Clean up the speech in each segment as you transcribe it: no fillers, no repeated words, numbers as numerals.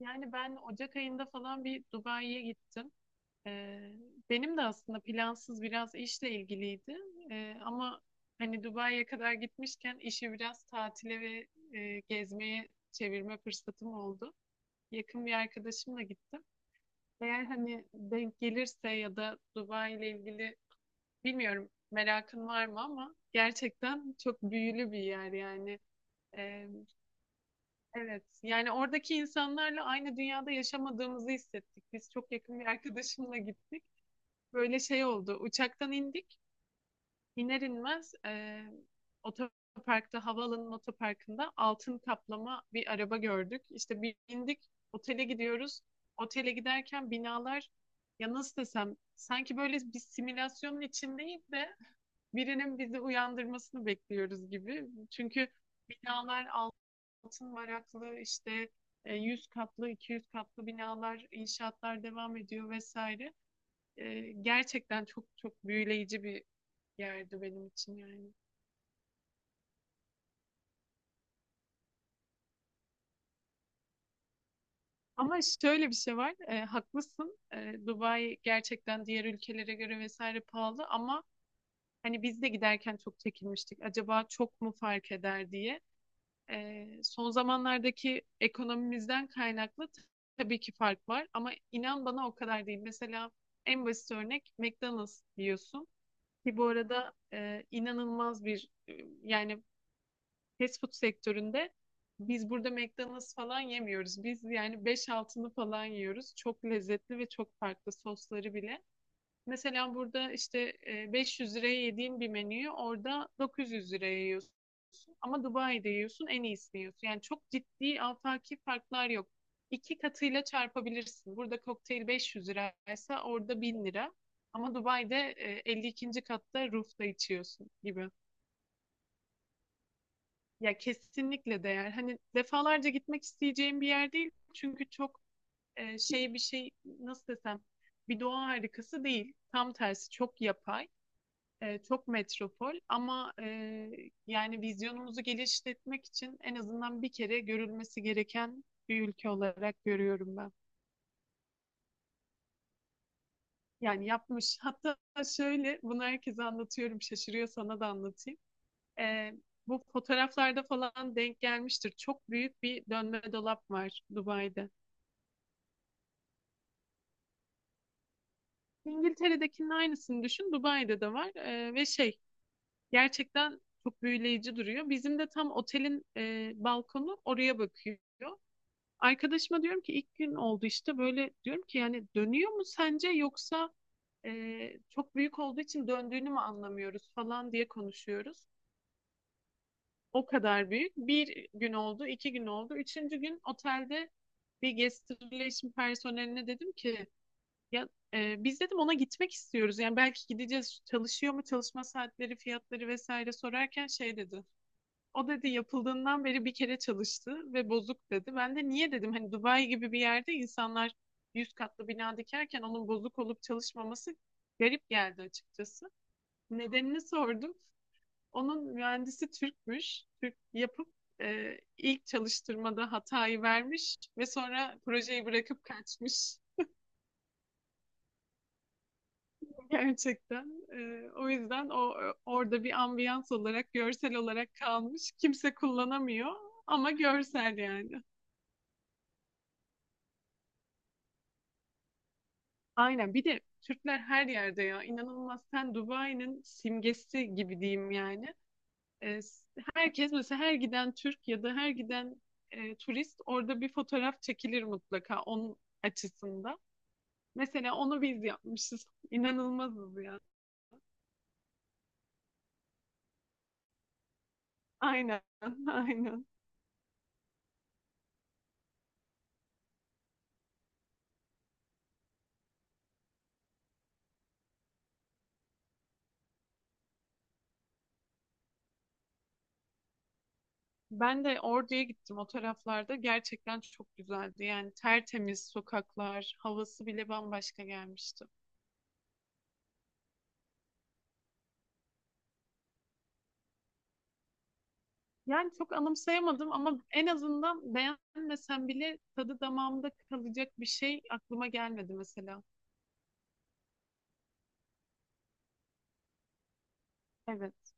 Yani ben Ocak ayında falan bir Dubai'ye gittim. Ee, benim de aslında plansız biraz işle ilgiliydi. Ama hani Dubai'ye kadar gitmişken işi biraz tatile ve gezmeye çevirme fırsatım oldu. Yakın bir arkadaşımla gittim. Eğer hani denk gelirse ya da Dubai ile ilgili bilmiyorum merakın var mı ama gerçekten çok büyülü bir yer yani. Ee, Evet. Yani oradaki insanlarla aynı dünyada yaşamadığımızı hissettik. Biz çok yakın bir arkadaşımla gittik. Böyle şey oldu. Uçaktan indik. İner inmez otoparkta, havaalanının otoparkında altın kaplama bir araba gördük. İşte bir indik, otele gidiyoruz. Otele giderken binalar ya nasıl desem sanki böyle bir simülasyonun içindeyiz de birinin bizi uyandırmasını bekliyoruz gibi. Çünkü binalar altın varaklı işte 100 katlı, 200 katlı binalar, inşaatlar devam ediyor vesaire. Gerçekten çok çok büyüleyici bir yerdi benim için yani. Ama şöyle bir şey var, haklısın. Dubai gerçekten diğer ülkelere göre vesaire pahalı ama hani biz de giderken çok çekinmiştik. Acaba çok mu fark eder diye. Son zamanlardaki ekonomimizden kaynaklı tabii ki fark var ama inan bana o kadar değil. Mesela en basit örnek McDonald's biliyorsun ki bu arada inanılmaz bir yani fast food sektöründe biz burada McDonald's falan yemiyoruz. Biz yani beş altını falan yiyoruz. Çok lezzetli ve çok farklı sosları bile. Mesela burada işte 500 liraya yediğim bir menüyü orada 900 liraya yiyorsun. Ama Dubai'de yiyorsun en iyisini yiyorsun. Yani çok ciddi afaki farklar yok. İki katıyla çarpabilirsin. Burada kokteyl 500 liraysa orada 1.000 lira. Ama Dubai'de 52. katta roof'ta içiyorsun gibi. Ya kesinlikle değer. Hani defalarca gitmek isteyeceğim bir yer değil. Çünkü çok şey bir şey nasıl desem bir doğa harikası değil. Tam tersi çok yapay. Çok metropol ama yani vizyonumuzu genişletmek için en azından bir kere görülmesi gereken bir ülke olarak görüyorum ben. Yani yapmış. Hatta şöyle bunu herkese anlatıyorum. Şaşırıyor sana da anlatayım. E, bu fotoğraflarda falan denk gelmiştir. Çok büyük bir dönme dolap var Dubai'de. İngiltere'dekinin aynısını düşün. Dubai'de de var. Ve şey gerçekten çok büyüleyici duruyor. Bizim de tam otelin balkonu oraya bakıyor. Arkadaşıma diyorum ki ilk gün oldu işte böyle diyorum ki yani dönüyor mu sence yoksa e, çok büyük olduğu için döndüğünü mü anlamıyoruz falan diye konuşuyoruz. O kadar büyük. Bir gün oldu, 2 gün oldu. Üçüncü gün otelde bir guest relation personeline dedim ki ya biz dedim ona gitmek istiyoruz. Yani belki gideceğiz çalışıyor mu çalışma saatleri fiyatları vesaire sorarken şey dedi. O dedi yapıldığından beri bir kere çalıştı ve bozuk dedi. Ben de niye dedim hani Dubai gibi bir yerde insanlar 100 katlı bina dikerken onun bozuk olup çalışmaması garip geldi açıkçası. Nedenini sordum. Onun mühendisi Türkmüş. Türk yapıp ilk çalıştırmada hatayı vermiş ve sonra projeyi bırakıp kaçmış. Gerçekten. O yüzden o orada bir ambiyans olarak, görsel olarak kalmış. Kimse kullanamıyor ama görsel yani. Aynen. Bir de Türkler her yerde ya. İnanılmaz. Sen Dubai'nin simgesi gibi diyeyim yani. Ee, s- herkes mesela her giden Türk ya da her giden turist orada bir fotoğraf çekilir mutlaka onun açısında. Mesela onu biz yapmışız. İnanılmazız ya. Aynen. Aynen. Ben de Ordu'ya gittim o taraflarda. Gerçekten çok güzeldi. Yani tertemiz sokaklar, havası bile bambaşka gelmişti. Yani çok anımsayamadım ama en azından beğenmesem bile tadı damağımda kalacak bir şey aklıma gelmedi mesela. Evet.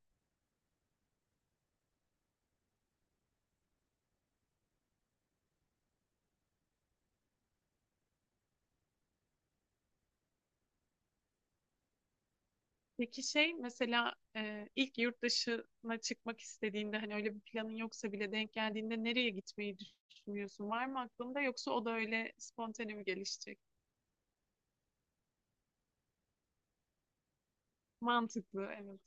Peki şey mesela ilk yurt dışına çıkmak istediğinde hani öyle bir planın yoksa bile denk geldiğinde nereye gitmeyi düşünüyorsun? Var mı aklında yoksa o da öyle spontane mi gelişecek? Mantıklı, evet.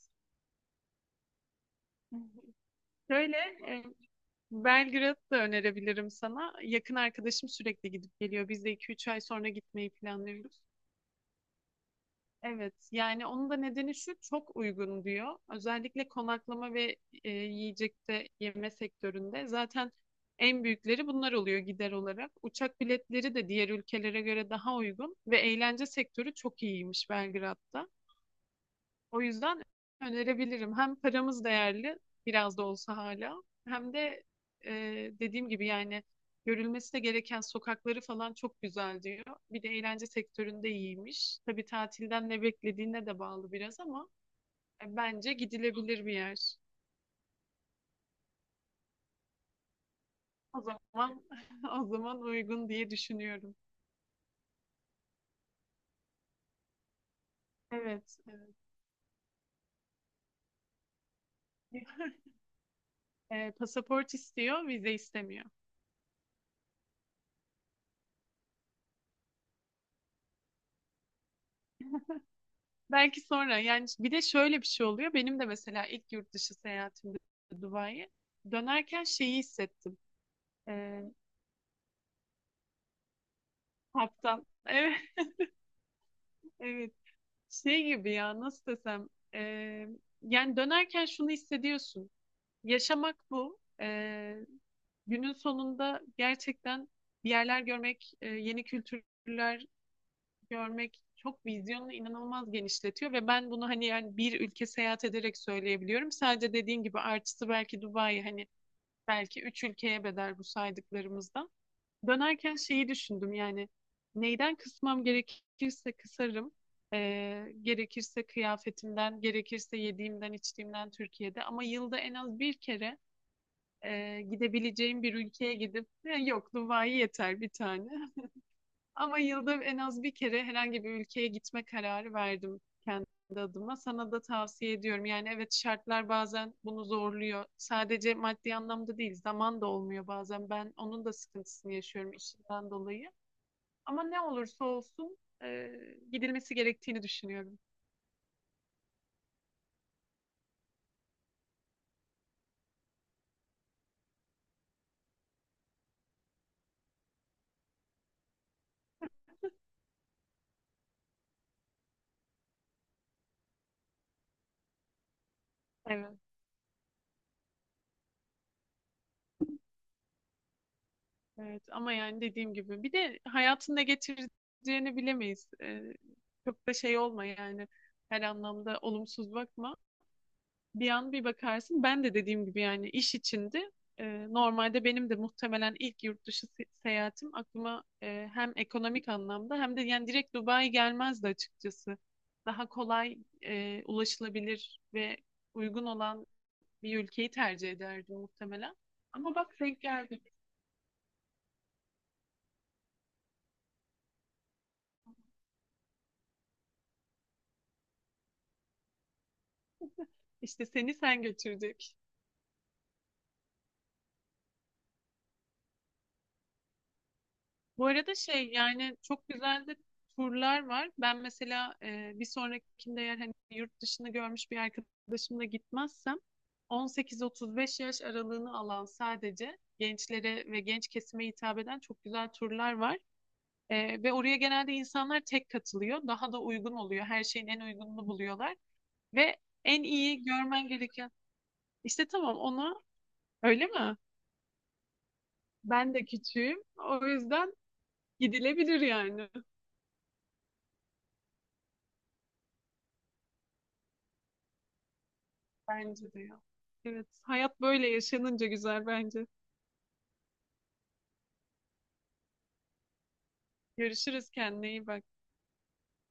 Şöyle e, Belgrad'ı da önerebilirim sana. Yakın arkadaşım sürekli gidip geliyor. Biz de 2-3 ay sonra gitmeyi planlıyoruz. Evet, yani onun da nedeni şu, çok uygun diyor. Özellikle konaklama ve yiyecekte yeme sektöründe zaten en büyükleri bunlar oluyor gider olarak. Uçak biletleri de diğer ülkelere göre daha uygun ve eğlence sektörü çok iyiymiş Belgrad'da. O yüzden önerebilirim. Hem paramız değerli biraz da olsa hala, hem de e, dediğim gibi yani görülmesi de gereken sokakları falan çok güzel diyor. Bir de eğlence sektöründe iyiymiş. Tabii tatilden ne beklediğine de bağlı biraz ama bence gidilebilir bir yer. O zaman o zaman uygun diye düşünüyorum. Evet. Evet. Pasaport istiyor, vize istemiyor. Belki sonra yani bir de şöyle bir şey oluyor. Benim de mesela ilk yurt dışı seyahatimde Dubai'ye dönerken şeyi hissettim. Ee, kaptan. Evet, evet. Şey gibi ya nasıl desem. Ee, yani dönerken şunu hissediyorsun. Yaşamak bu. Günün sonunda gerçekten bir yerler görmek, yeni kültürler görmek çok vizyonunu inanılmaz genişletiyor ve ben bunu hani yani bir ülke seyahat ederek söyleyebiliyorum. Sadece dediğin gibi artısı belki Dubai hani belki üç ülkeye bedel bu saydıklarımızdan. Dönerken şeyi düşündüm yani neyden kısmam gerekirse kısarım. Gerekirse kıyafetimden, gerekirse yediğimden, içtiğimden Türkiye'de. Ama yılda en az bir kere gidebileceğim bir ülkeye gidip "Ya yok Dubai yeter bir tane. Ama yılda en az bir kere herhangi bir ülkeye gitme kararı verdim kendi adıma. Sana da tavsiye ediyorum. Yani evet, şartlar bazen bunu zorluyor. Sadece maddi anlamda değil, zaman da olmuyor bazen. Ben onun da sıkıntısını yaşıyorum işimden dolayı. Ama ne olursa olsun gidilmesi gerektiğini düşünüyorum. Evet, evet. Ama yani dediğim gibi bir de hayatın ne getireceğini bilemeyiz. Çok da şey olma yani her anlamda olumsuz bakma. Bir an bir bakarsın. Ben de dediğim gibi yani iş içindi. Normalde benim de muhtemelen ilk yurt dışı seyahatim aklıma hem ekonomik anlamda hem de yani direkt Dubai gelmezdi açıkçası. Daha kolay ulaşılabilir ve uygun olan bir ülkeyi tercih ederdim muhtemelen. Ama bak denk geldi. İşte seni sen götürdük. Bu arada şey yani çok güzel de turlar var. Ben mesela bir sonrakinde eğer hani yurt dışını görmüş bir arkadaşımla gitmezsem 18-35 yaş aralığını alan sadece gençlere ve genç kesime hitap eden çok güzel turlar var. Ve oraya genelde insanlar tek katılıyor. Daha da uygun oluyor. Her şeyin en uygununu buluyorlar. Ve en iyi görmen gereken... İşte tamam ona öyle mi? Ben de küçüğüm. O yüzden gidilebilir yani. Bence de ya. Evet, hayat böyle yaşanınca güzel bence. Görüşürüz, kendine iyi bak.